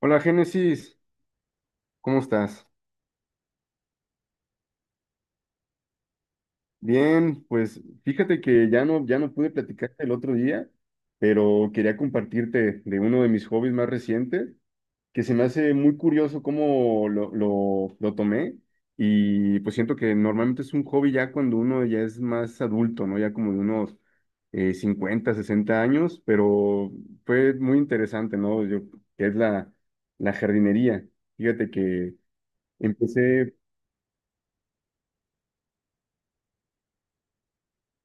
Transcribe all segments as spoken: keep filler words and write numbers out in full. Hola Génesis, ¿cómo estás? Bien, pues fíjate que ya no, ya no pude platicarte el otro día, pero quería compartirte de uno de mis hobbies más recientes, que se me hace muy curioso cómo lo, lo, lo tomé. Y pues siento que normalmente es un hobby ya cuando uno ya es más adulto, ¿no? Ya como de unos eh, cincuenta, sesenta años, pero fue muy interesante, ¿no? Yo, que es la, la jardinería. Fíjate que... Empecé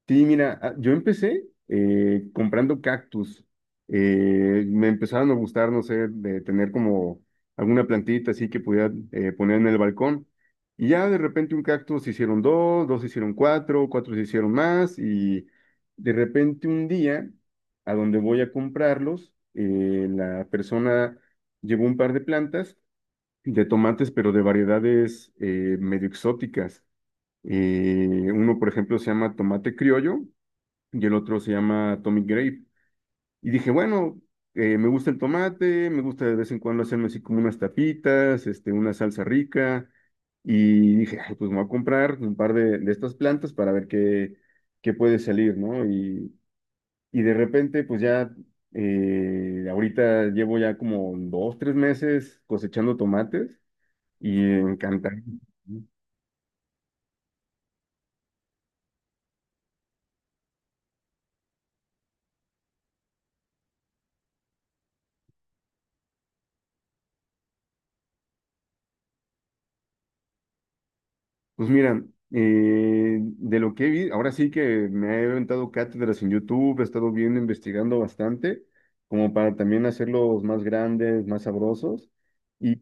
Sí, mira, ah, yo empecé eh, comprando cactus. Eh, me empezaron a gustar, no sé, de tener como alguna plantita así que pudiera eh, poner en el balcón. Y ya de repente un cactus se hicieron dos, dos se hicieron cuatro, cuatro se hicieron más. Y de repente un día, a donde voy a comprarlos, eh, la persona llevó un par de plantas de tomates, pero de variedades eh, medio exóticas. Eh, uno, por ejemplo, se llama tomate criollo, y el otro se llama Atomic Grape. Y dije, bueno, eh, me gusta el tomate, me gusta de vez en cuando hacerme así como unas tapitas, este, una salsa rica. Y dije, "Ay, pues me voy a comprar un par de, de estas plantas para ver qué, qué puede salir, ¿no?" Y, y de repente, pues ya, eh, ahorita llevo ya como dos, tres meses cosechando tomates y encantado. Pues mira, eh, de lo que he visto, ahora sí que me he aventado cátedras en YouTube. He estado viendo, investigando bastante, como para también hacerlos más grandes, más sabrosos. Y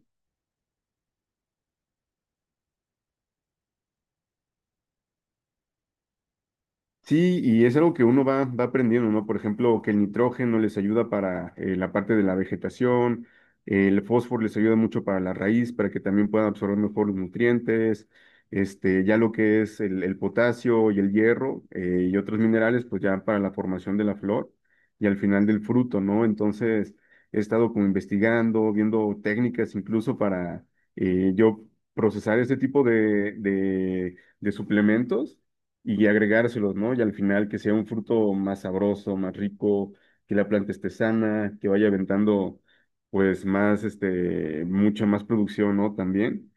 sí, y es algo que uno va, va aprendiendo, ¿no? Por ejemplo, que el nitrógeno les ayuda para eh, la parte de la vegetación, el fósforo les ayuda mucho para la raíz, para que también puedan absorber mejor los nutrientes, este, ya lo que es el, el potasio y el hierro eh, y otros minerales, pues ya para la formación de la flor y al final del fruto, ¿no? Entonces, he estado como investigando, viendo técnicas incluso para eh, yo procesar este tipo de, de de suplementos y agregárselos, ¿no? Y al final que sea un fruto más sabroso, más rico, que la planta esté sana, que vaya aventando, pues, más, este, mucha más producción, ¿no? También.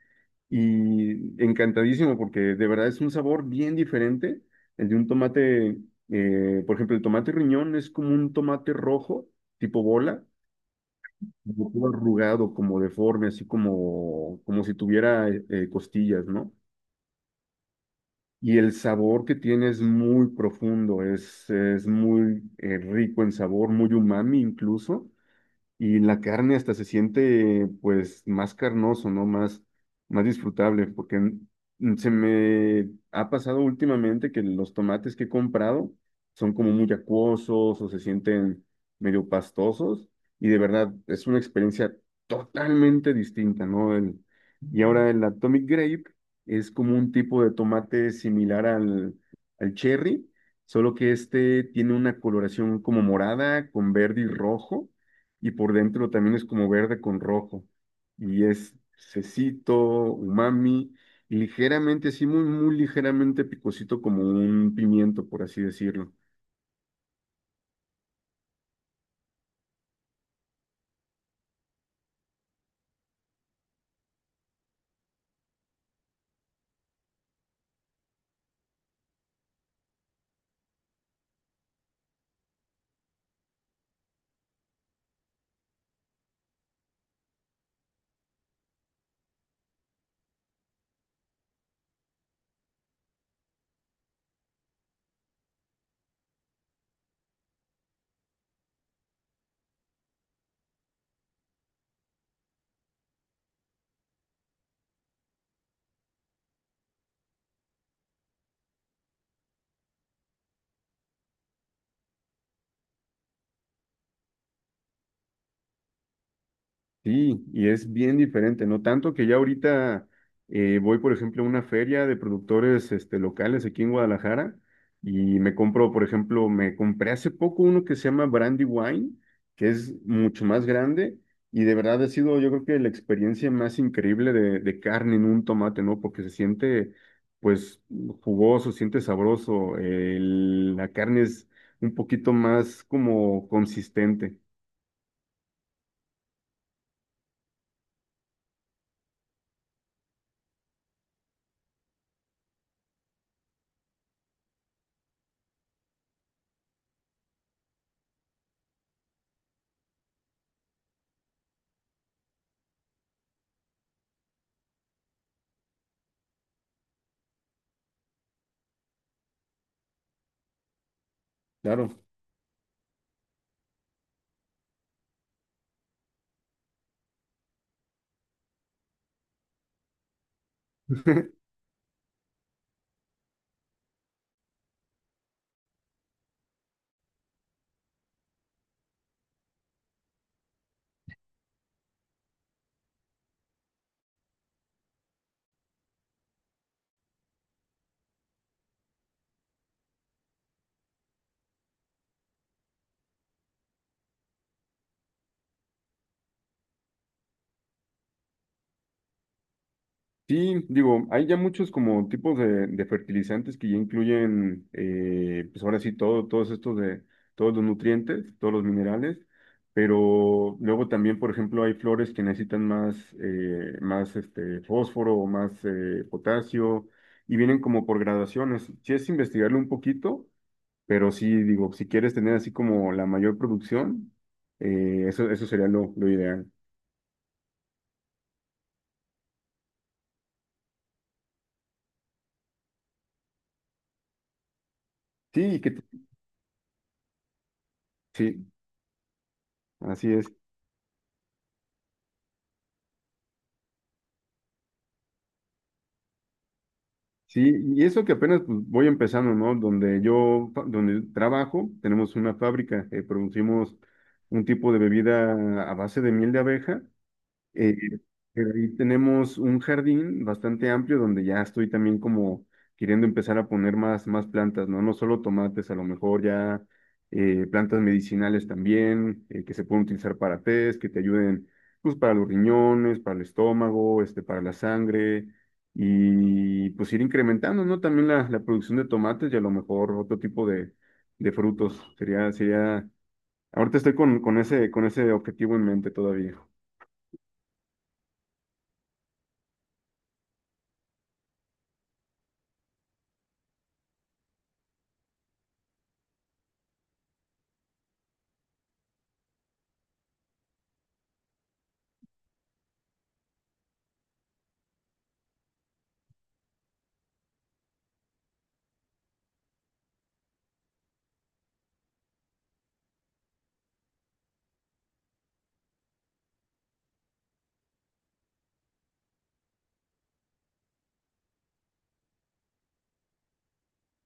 Y encantadísimo, porque de verdad es un sabor bien diferente. El de un tomate, eh, por ejemplo, el tomate riñón es como un tomate rojo, tipo bola, como todo arrugado, como deforme, así como, como si tuviera eh, costillas, ¿no? Y el sabor que tiene es muy profundo, es, es muy eh, rico en sabor, muy umami incluso, y la carne hasta se siente pues más carnoso, ¿no? Más, más disfrutable, porque mm, se me ha pasado últimamente que los tomates que he comprado son como muy acuosos o se sienten medio pastosos, y de verdad es una experiencia totalmente distinta, ¿no? El- y ahora el Atomic Grape es como un tipo de tomate similar al, al cherry, solo que este tiene una coloración como morada con verde y rojo, y por dentro también es como verde con rojo. Y es cecito, umami, y ligeramente, sí, muy, muy ligeramente picosito como un pimiento, por así decirlo. Sí, y es bien diferente, no tanto que ya ahorita eh, voy, por ejemplo, a una feria de productores este, locales aquí en Guadalajara, y me compro, por ejemplo, me compré hace poco uno que se llama Brandy Wine, que es mucho más grande, y de verdad ha sido, yo creo, que la experiencia más increíble de, de carne en un tomate, ¿no? Porque se siente, pues, jugoso, siente sabroso, el- la carne es un poquito más como consistente, claro. Sí, digo, hay ya muchos como tipos de, de fertilizantes que ya incluyen, eh, pues ahora sí, todo, todos estos de, todos los nutrientes, todos los minerales, pero luego también, por ejemplo, hay flores que necesitan más, eh, más este, fósforo o más eh, potasio, y vienen como por gradaciones. Sí es investigarlo un poquito, pero sí, digo, si quieres tener así como la mayor producción, eh, eso, eso sería lo, lo ideal. Sí, y que, sí, así es. Sí, y eso que apenas pues, voy empezando, ¿no? Donde yo, fa- donde trabajo, tenemos una fábrica, eh, producimos un tipo de bebida a base de miel de abeja, eh, pero ahí tenemos un jardín bastante amplio donde ya estoy también como queriendo empezar a poner más, más plantas, ¿no? No solo tomates, a lo mejor ya eh, plantas medicinales también, eh, que se pueden utilizar para tés, que te ayuden pues para los riñones, para el estómago, este, para la sangre, y pues ir incrementando, ¿no? También la, la producción de tomates y a lo mejor otro tipo de, de frutos. Sería, sería, ahorita estoy con, con ese, con ese objetivo en mente todavía.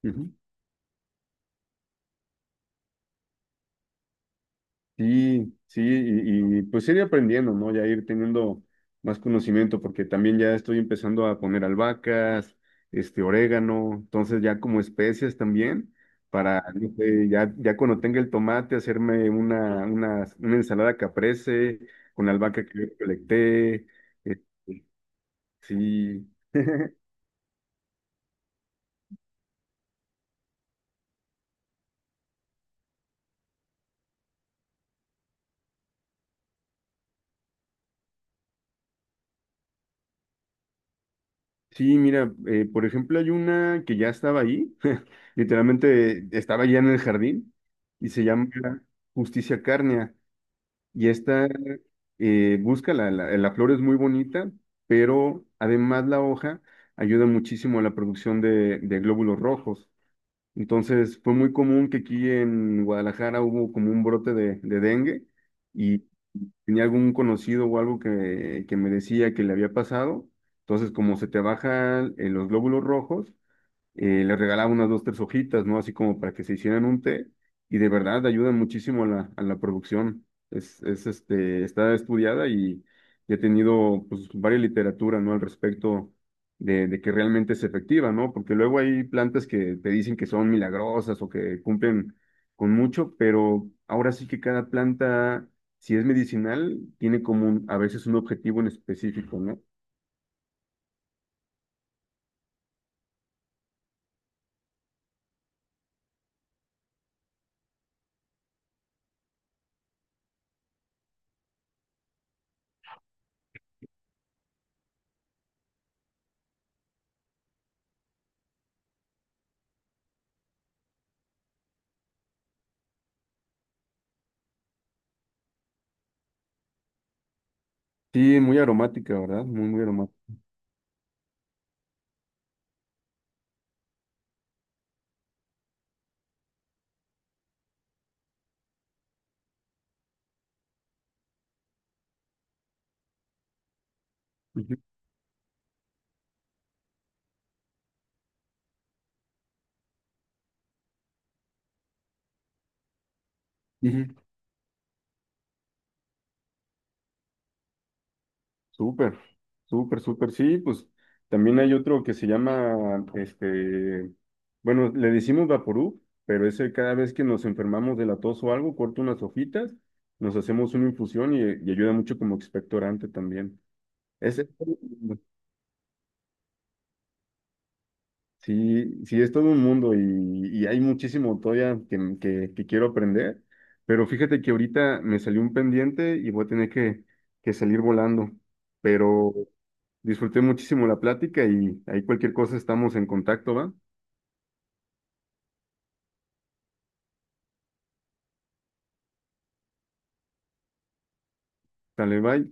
Ujú. Sí, sí, y, y, pues ir aprendiendo, ¿no? Ya ir teniendo más conocimiento, porque también ya estoy empezando a poner albahacas, este, orégano, entonces ya como especias también, para, no sé, ya, ya cuando tenga el tomate, hacerme una, una, una ensalada caprese, con la albahaca que yo recolecté, este, sí, sí, mira, eh, por ejemplo, hay una que ya estaba ahí, literalmente estaba ya en el jardín, y se llama Justicia Cárnea. Y esta eh, busca, la, la- la flor es muy bonita, pero además la hoja ayuda muchísimo a la producción de, de glóbulos rojos. Entonces fue muy común que aquí en Guadalajara hubo como un brote de, de dengue, y tenía algún conocido o algo que, que me decía que le había pasado. Entonces como se te bajan eh, los glóbulos rojos, eh, les regalaba unas dos, tres hojitas, ¿no? Así como para que se hicieran un té, y de verdad ayudan muchísimo a la, a la producción. Es, es, este, está estudiada, y, y he tenido pues varias literaturas, ¿no? Al respecto de, de que realmente es efectiva, ¿no? Porque luego hay plantas que te dicen que son milagrosas o que cumplen con mucho, pero ahora sí que cada planta, si es medicinal, tiene como un- a veces un objetivo en específico, ¿no? Sí, muy aromática, ¿verdad? Muy, muy aromática. Ujú, ujú. Súper, súper, súper, sí, pues también hay otro que se llama, este, bueno, le decimos Vaporub, pero ese cada vez que nos enfermamos de la tos o algo, corto unas hojitas, nos hacemos una infusión y, y ayuda mucho como expectorante también. Ese, sí, sí, es todo un mundo, y, y hay muchísimo todavía que, que, que quiero aprender, pero fíjate que ahorita me salió un pendiente y voy a tener que, que salir volando, pero disfruté muchísimo la plática y ahí cualquier cosa estamos en contacto, ¿va? Dale, bye.